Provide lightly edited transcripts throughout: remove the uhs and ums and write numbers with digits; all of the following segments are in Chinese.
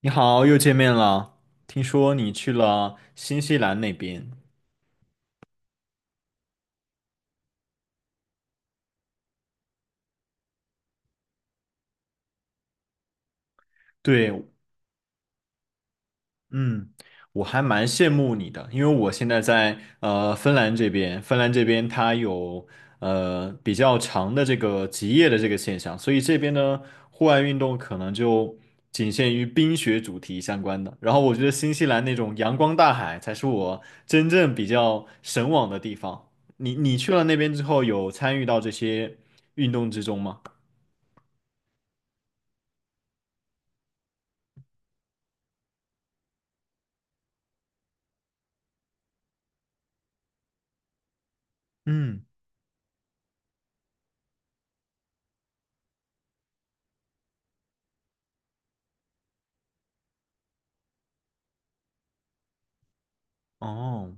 你好，又见面了。听说你去了新西兰那边，对，嗯，我还蛮羡慕你的，因为我现在在芬兰这边，芬兰这边它有比较长的这个极夜的这个现象，所以这边呢户外运动可能就仅限于冰雪主题相关的。然后我觉得新西兰那种阳光大海才是我真正比较神往的地方。你去了那边之后，有参与到这些运动之中吗？嗯，哦，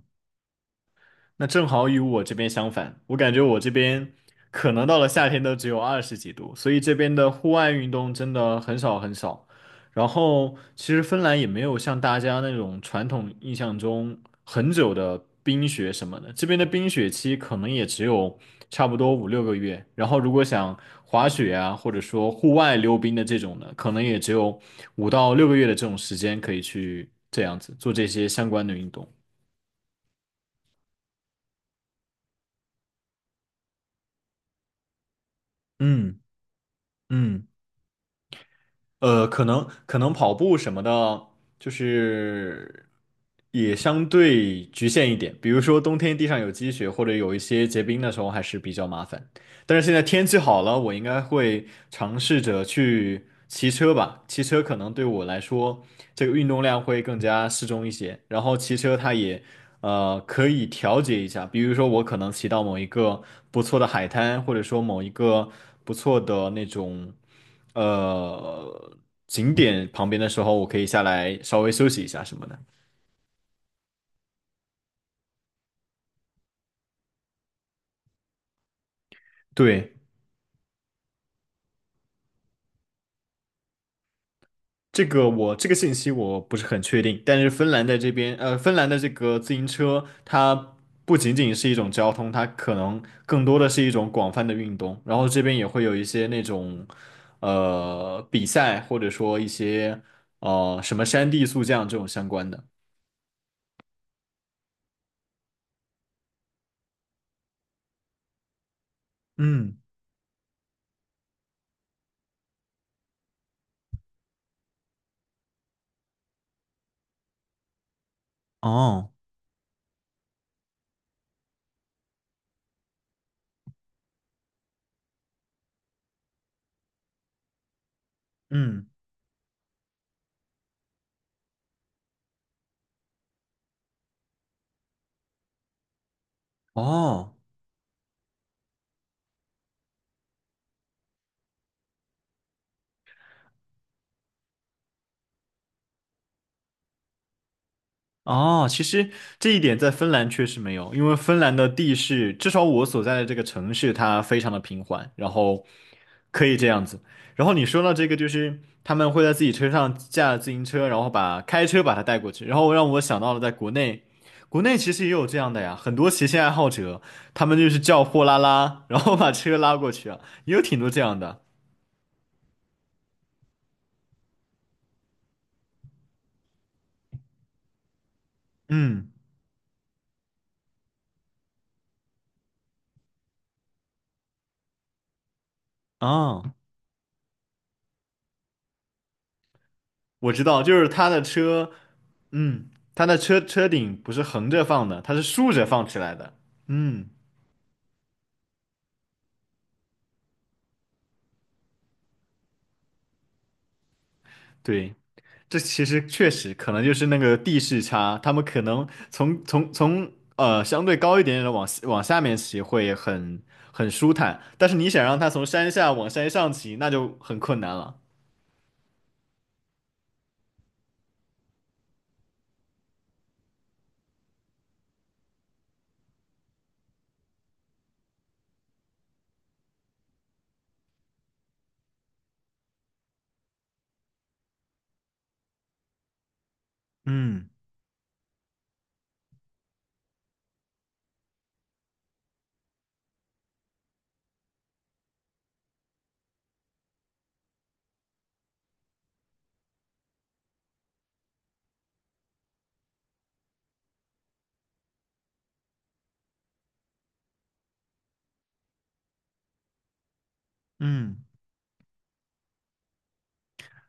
那正好与我这边相反，我感觉我这边可能到了夏天都只有20几度，所以这边的户外运动真的很少很少。然后，其实芬兰也没有像大家那种传统印象中很久的冰雪什么的，这边的冰雪期可能也只有差不多5、6个月。然后，如果想滑雪啊，或者说户外溜冰的这种的，可能也只有5到6个月的这种时间可以去这样子做这些相关的运动。嗯。嗯，可能跑步什么的，就是也相对局限一点。比如说冬天地上有积雪，或者有一些结冰的时候，还是比较麻烦。但是现在天气好了，我应该会尝试着去骑车吧。骑车可能对我来说，这个运动量会更加适中一些。然后骑车它也可以调节一下，比如说我可能骑到某一个不错的海滩，或者说某一个不错的那种。呃景点旁边的时候，我可以下来稍微休息一下什么的。对，这个我这个信息我不是很确定，但是芬兰在这边，芬兰的这个自行车，它不仅仅是一种交通，它可能更多的是一种广泛的运动。然后这边也会有一些那种比赛，或者说一些什么山地速降这种相关的。嗯。哦。嗯。哦，哦，其实这一点在芬兰确实没有，因为芬兰的地势，至少我所在的这个城市，它非常的平缓，然后可以这样子。然后你说到这个，就是他们会在自己车上架自行车，然后把开车把它带过去，然后让我想到了在国内，国内其实也有这样的呀，很多骑行爱好者，他们就是叫货拉拉，然后把车拉过去啊，也有挺多这样的。嗯，啊。我知道，就是他的车，嗯，他的车车顶不是横着放的，它是竖着放起来的。嗯，对，这其实确实可能就是那个地势差，他们可能从相对高一点点的往下面骑会很舒坦，但是你想让他从山下往山上骑，那就很困难了。嗯。嗯。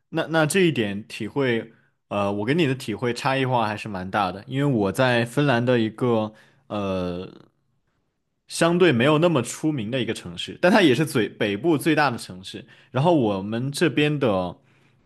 那这一点体会，我跟你的体会差异化还是蛮大的，因为我在芬兰的一个呃相对没有那么出名的一个城市，但它也是最北部最大的城市。然后我们这边的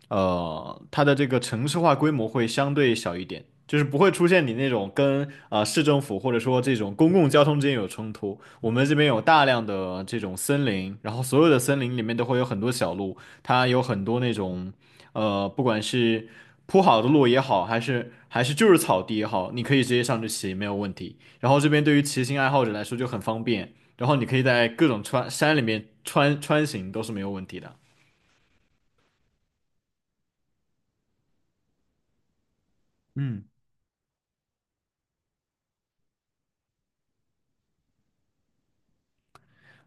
它的这个城市化规模会相对小一点，就是不会出现你那种跟市政府或者说这种公共交通之间有冲突。我们这边有大量的这种森林，然后所有的森林里面都会有很多小路。它有很多那种，不管是铺好的路也好，还是就是草地也好，你可以直接上去骑，没有问题。然后这边对于骑行爱好者来说就很方便，然后你可以在各种穿山里面穿行都是没有问题的。嗯。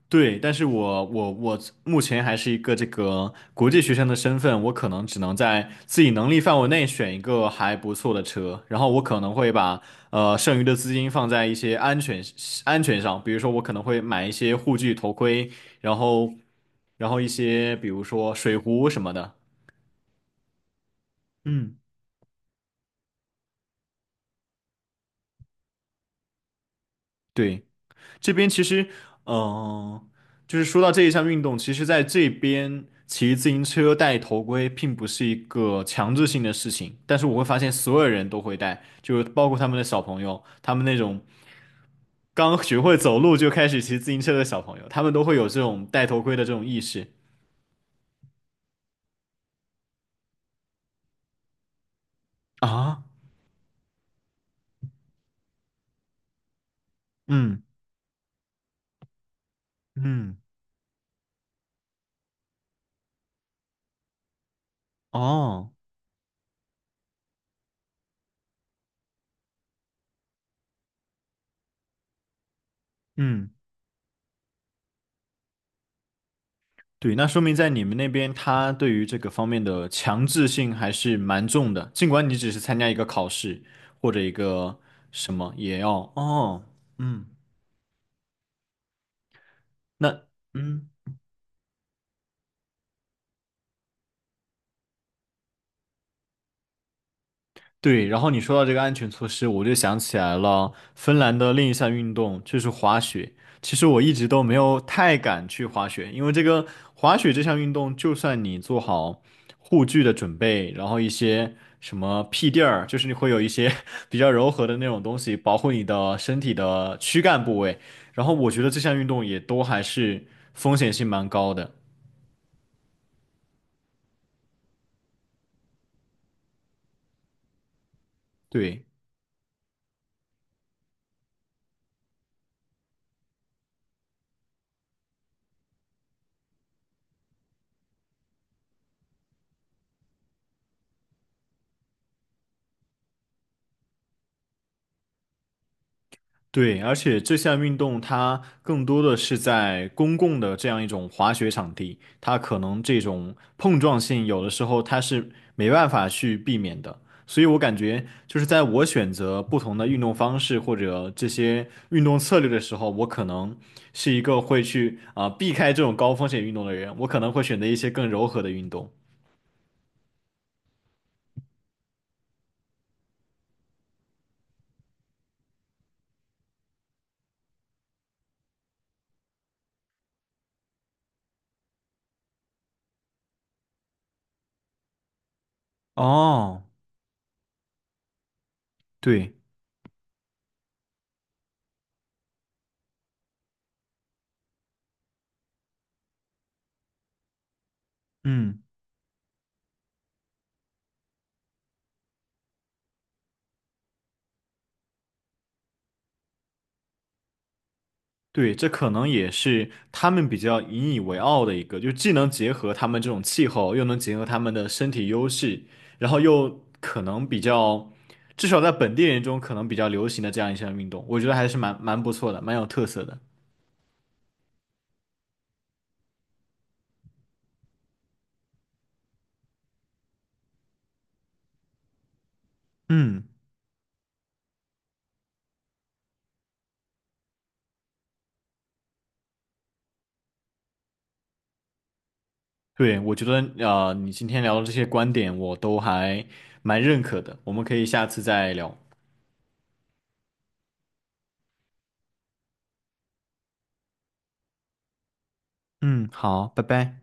对，但是我目前还是一个这个国际学生的身份，我可能只能在自己能力范围内选一个还不错的车，然后我可能会把剩余的资金放在一些安全上，比如说我可能会买一些护具、头盔，然后然后一些比如说水壶什么的。嗯，对。这边其实，嗯，就是说到这一项运动，其实在这边骑自行车戴头盔并不是一个强制性的事情，但是我会发现所有人都会戴，就是包括他们的小朋友，他们那种刚学会走路就开始骑自行车的小朋友，他们都会有这种戴头盔的这种意识啊，嗯，嗯，哦，嗯。对，那说明在你们那边，他对于这个方面的强制性还是蛮重的。尽管你只是参加一个考试或者一个什么，也要哦，嗯，那嗯。对，然后你说到这个安全措施，我就想起来了，芬兰的另一项运动就是滑雪。其实我一直都没有太敢去滑雪，因为这个滑雪这项运动，就算你做好护具的准备，然后一些什么屁垫儿，就是你会有一些 比较柔和的那种东西保护你的身体的躯干部位，然后我觉得这项运动也都还是风险性蛮高的。对。对，而且这项运动它更多的是在公共的这样一种滑雪场地，它可能这种碰撞性有的时候它是没办法去避免的。所以我感觉就是在我选择不同的运动方式或者这些运动策略的时候，我可能是一个会去啊、避开这种高风险运动的人，我可能会选择一些更柔和的运动。哦，对，嗯。对，这可能也是他们比较引以为傲的一个，就既能结合他们这种气候，又能结合他们的身体优势，然后又可能比较，至少在本地人中可能比较流行的这样一项运动，我觉得还是蛮不错的，蛮有特色的。嗯，对，我觉得你今天聊的这些观点我都还蛮认可的，我们可以下次再聊。嗯，好，拜拜。